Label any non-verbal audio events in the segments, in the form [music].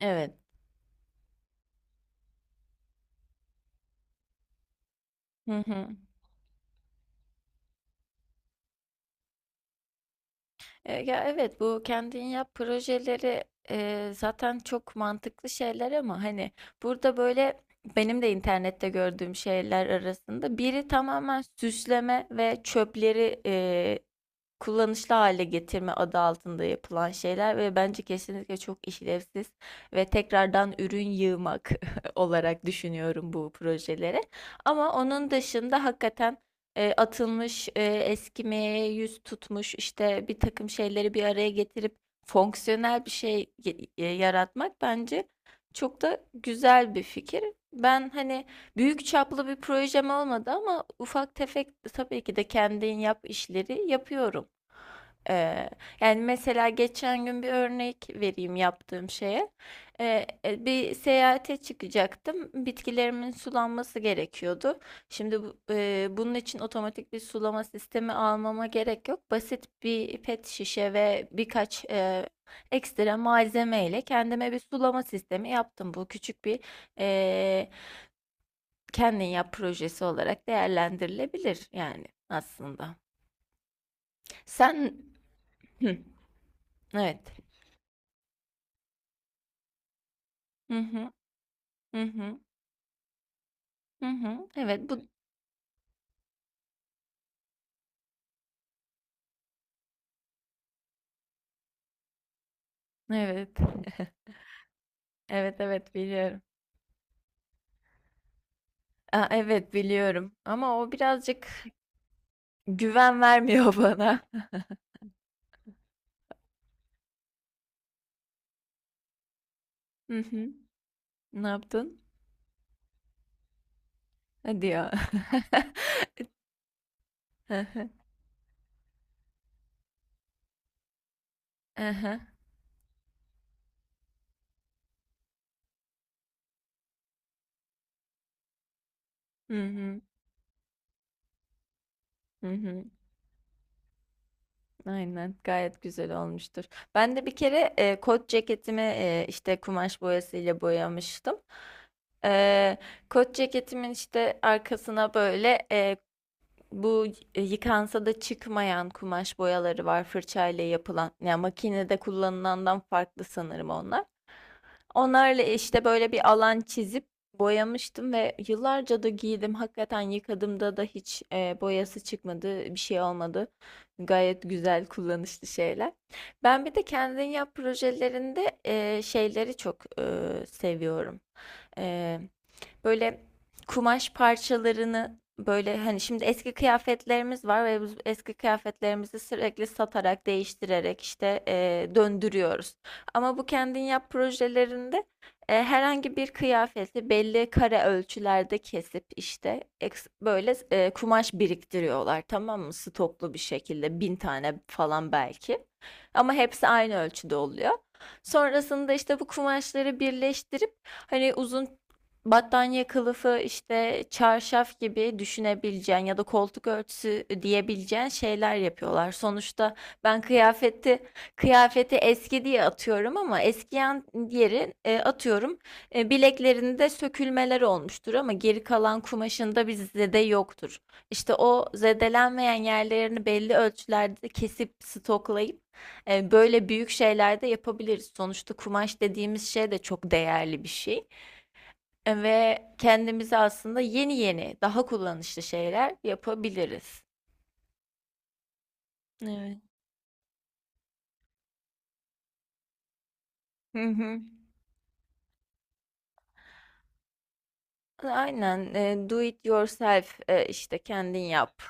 Evet. Hı hı. Ya evet bu kendin yap projeleri zaten çok mantıklı şeyler ama hani burada böyle benim de internette gördüğüm şeyler arasında biri tamamen süsleme ve çöpleri kullanışlı hale getirme adı altında yapılan şeyler ve bence kesinlikle çok işlevsiz ve tekrardan ürün yığmak [laughs] olarak düşünüyorum bu projeleri. Ama onun dışında hakikaten atılmış, eskimeye yüz tutmuş, işte bir takım şeyleri bir araya getirip fonksiyonel bir şey yaratmak bence çok da güzel bir fikir. Ben hani büyük çaplı bir projem olmadı ama ufak tefek tabii ki de kendin yap işleri yapıyorum. Ee, yani mesela geçen gün bir örnek vereyim yaptığım şeye. Bir seyahate çıkacaktım. Bitkilerimin sulanması gerekiyordu. Şimdi bunun için otomatik bir sulama sistemi almama gerek yok. Basit bir pet şişe ve birkaç ekstra malzeme ile kendime bir sulama sistemi yaptım. Bu küçük bir e, kendin yap projesi olarak değerlendirilebilir yani aslında. Sen. Hı, evet. Hı hı. Hı hı. Evet bu evet. [laughs] Evet evet biliyorum. Aa, evet biliyorum ama o birazcık güven vermiyor bana. [laughs] Hı hı. Ne yaptın? Hadi ya. [laughs] Aha, aha. Hı hı. Hı hı. Aynen, gayet güzel olmuştur. Ben de bir kere kot ceketimi işte kumaş boyasıyla boyamıştım. E, kot ceketimin işte arkasına böyle, Bu yıkansa da çıkmayan kumaş boyaları var fırçayla yapılan. Yani makinede kullanılandan farklı sanırım onlar. Onlarla işte böyle bir alan çizip boyamıştım ve yıllarca da giydim. Hakikaten yıkadığımda da hiç boyası çıkmadı, bir şey olmadı. Gayet güzel kullanışlı şeyler. Ben bir de kendin yap projelerinde şeyleri çok seviyorum. E, böyle kumaş parçalarını böyle hani şimdi eski kıyafetlerimiz var ve biz eski kıyafetlerimizi sürekli satarak, değiştirerek işte döndürüyoruz. Ama bu kendin yap projelerinde herhangi bir kıyafeti belli kare ölçülerde kesip işte böyle kumaş biriktiriyorlar, tamam mı? Stoklu bir şekilde bin tane falan belki. Ama hepsi aynı ölçüde oluyor. Sonrasında işte bu kumaşları birleştirip hani uzun battaniye kılıfı, işte çarşaf gibi düşünebileceğin ya da koltuk örtüsü diyebileceğin şeyler yapıyorlar. Sonuçta ben kıyafeti eski diye atıyorum ama eskiyen diğeri atıyorum. Bileklerinde sökülmeler olmuştur ama geri kalan kumaşında bir zede yoktur. İşte o zedelenmeyen yerlerini belli ölçülerde kesip stoklayıp böyle büyük şeyler de yapabiliriz. Sonuçta kumaş dediğimiz şey de çok değerli bir şey ve kendimize aslında yeni yeni daha kullanışlı şeyler yapabiliriz. Evet. Hı hı. Aynen. Do it yourself, işte kendin yap.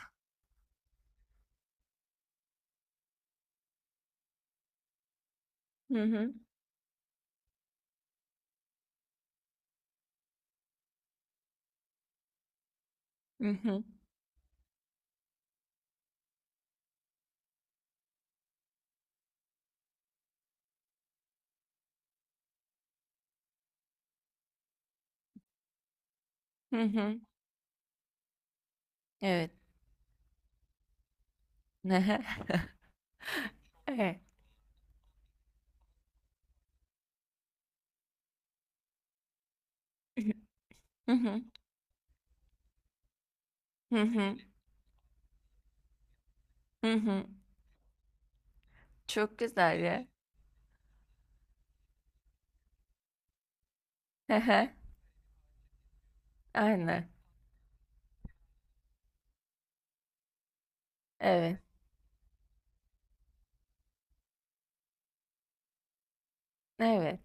Hı hı. Hı hı. Hı hı. Evet. [laughs] Evet. Hı hı. Hı hı. Hı hı. Çok güzel ya. [laughs] Aynen. Evet. Evet.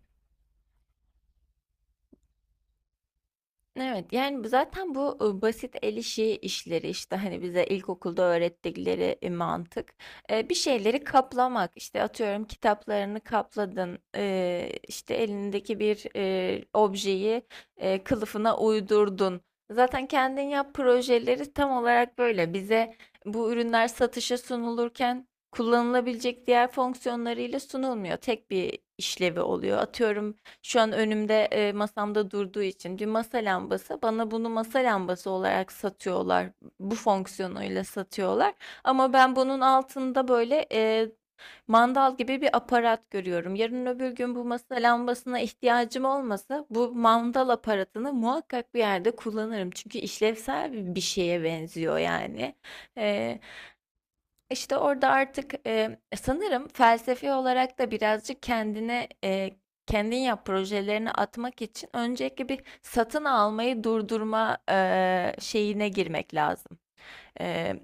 Evet, yani zaten bu basit el işi işleri işte hani bize ilkokulda öğrettikleri mantık. Bir şeyleri kaplamak, işte atıyorum kitaplarını kapladın, işte elindeki bir objeyi kılıfına uydurdun. Zaten kendin yap projeleri tam olarak böyle bize bu ürünler satışa sunulurken kullanılabilecek diğer fonksiyonlarıyla sunulmuyor. Tek bir işlevi oluyor. Atıyorum şu an önümde, masamda durduğu için bir masa lambası. Bana bunu masa lambası olarak satıyorlar. Bu fonksiyonuyla satıyorlar. Ama ben bunun altında böyle mandal gibi bir aparat görüyorum. Yarın öbür gün bu masa lambasına ihtiyacım olmasa bu mandal aparatını muhakkak bir yerde kullanırım. Çünkü işlevsel bir şeye benziyor yani. Eee, işte orada artık sanırım felsefi olarak da birazcık kendine kendin yap projelerini atmak için önceki bir satın almayı durdurma şeyine girmek lazım. E,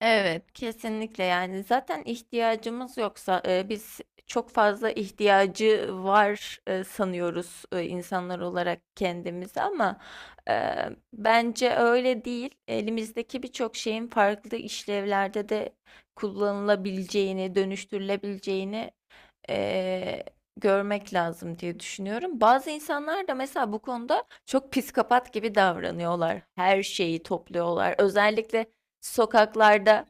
Evet, kesinlikle yani zaten ihtiyacımız yoksa biz çok fazla ihtiyacı var sanıyoruz insanlar olarak kendimizi, ama e, bence öyle değil. Elimizdeki birçok şeyin farklı işlevlerde de kullanılabileceğini, dönüştürülebileceğini e, görmek lazım diye düşünüyorum. Bazı insanlar da mesela bu konuda çok psikopat gibi davranıyorlar. Her şeyi topluyorlar. Özellikle sokaklarda.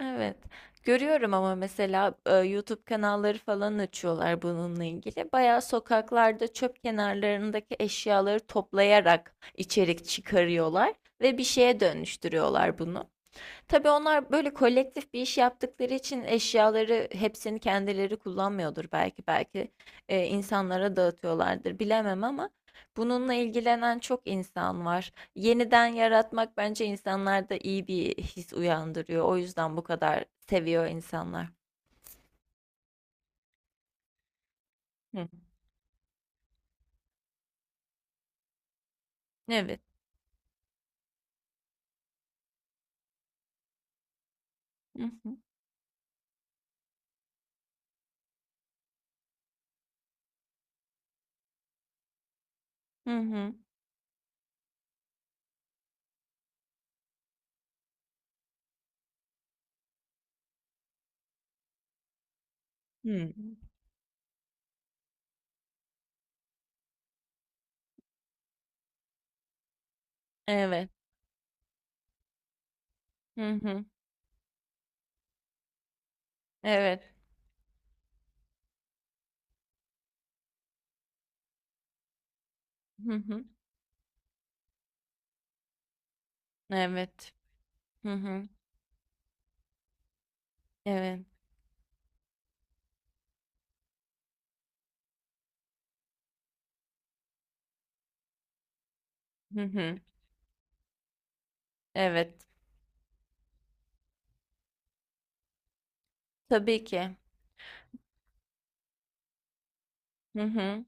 Evet. Görüyorum, ama mesela YouTube kanalları falan açıyorlar bununla ilgili. Bayağı sokaklarda çöp kenarlarındaki eşyaları toplayarak içerik çıkarıyorlar ve bir şeye dönüştürüyorlar bunu. Tabii onlar böyle kolektif bir iş yaptıkları için eşyaları hepsini kendileri kullanmıyordur belki. Belki insanlara dağıtıyorlardır, bilemem, ama bununla ilgilenen çok insan var. Yeniden yaratmak bence insanlarda iyi bir his uyandırıyor. O yüzden bu kadar seviyor insanlar. Hı hı. Evet. Hı hı. Hı hı. Hmm. Evet. Hı hı. Evet. Hı hı. Evet. Hı hı. Evet. Hı hı. Evet. Tabii ki. Hı hı.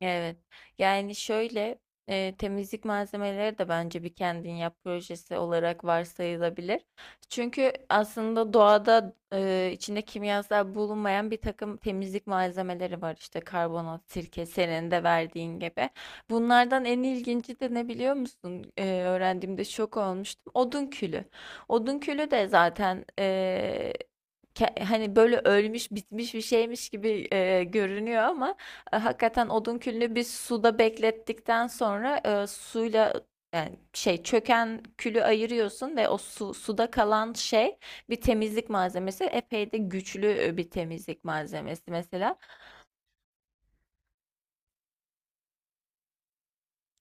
Evet. Yani şöyle, temizlik malzemeleri de bence bir kendin yap projesi olarak varsayılabilir. Çünkü aslında doğada içinde kimyasal bulunmayan bir takım temizlik malzemeleri var. İşte karbonat, sirke, senin de verdiğin gibi. Bunlardan en ilginci de ne biliyor musun? Öğrendiğimde şok olmuştum. Odun külü. Odun külü de zaten, hani böyle ölmüş bitmiş bir şeymiş gibi görünüyor, ama hakikaten odun külünü bir suda beklettikten sonra suyla, yani şey, çöken külü ayırıyorsun ve o su, suda kalan şey bir temizlik malzemesi. Epey de güçlü bir temizlik malzemesi mesela.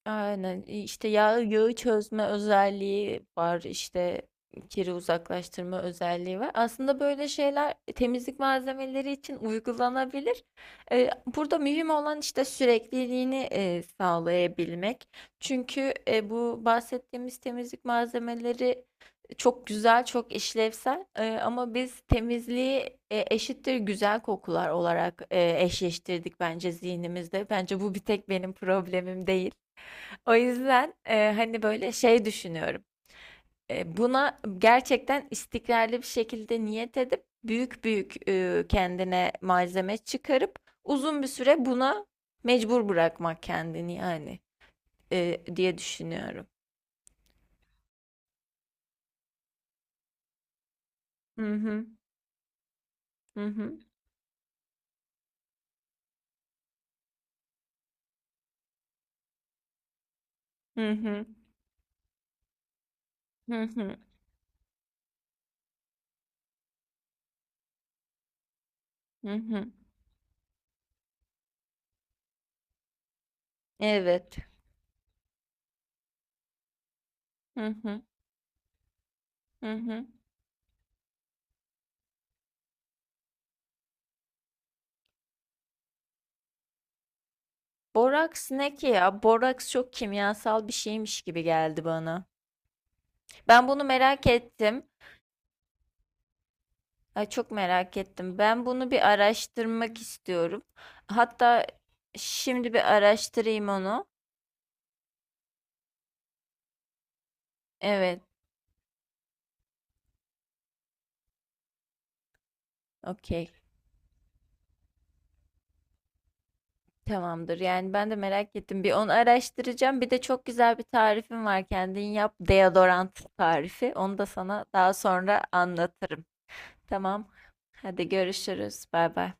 Aynen. İşte yağı çözme özelliği var, işte kiri uzaklaştırma özelliği var. Aslında böyle şeyler temizlik malzemeleri için uygulanabilir. Ee, burada mühim olan işte sürekliliğini sağlayabilmek. Çünkü bu bahsettiğimiz temizlik malzemeleri çok güzel, çok işlevsel. Ama biz temizliği eşittir güzel kokular olarak eşleştirdik bence zihnimizde. Bence bu bir tek benim problemim değil. O yüzden hani böyle şey düşünüyorum. Buna gerçekten istikrarlı bir şekilde niyet edip büyük büyük kendine malzeme çıkarıp uzun bir süre buna mecbur bırakmak kendini yani, diye düşünüyorum. Hı hı hı hı hı hı hı hı hı hı. Evet. Hı hı hı hı. Boraks ne ki ya? Boraks çok kimyasal bir şeymiş gibi geldi bana. Ben bunu merak ettim. Ay, çok merak ettim. Ben bunu bir araştırmak istiyorum. Hatta şimdi bir araştırayım onu. Evet, okey. Tamamdır. Yani ben de merak ettim. Bir onu araştıracağım. Bir de çok güzel bir tarifim var. Kendin yap deodorant tarifi. Onu da sana daha sonra anlatırım. Tamam. Hadi görüşürüz. Bay bay.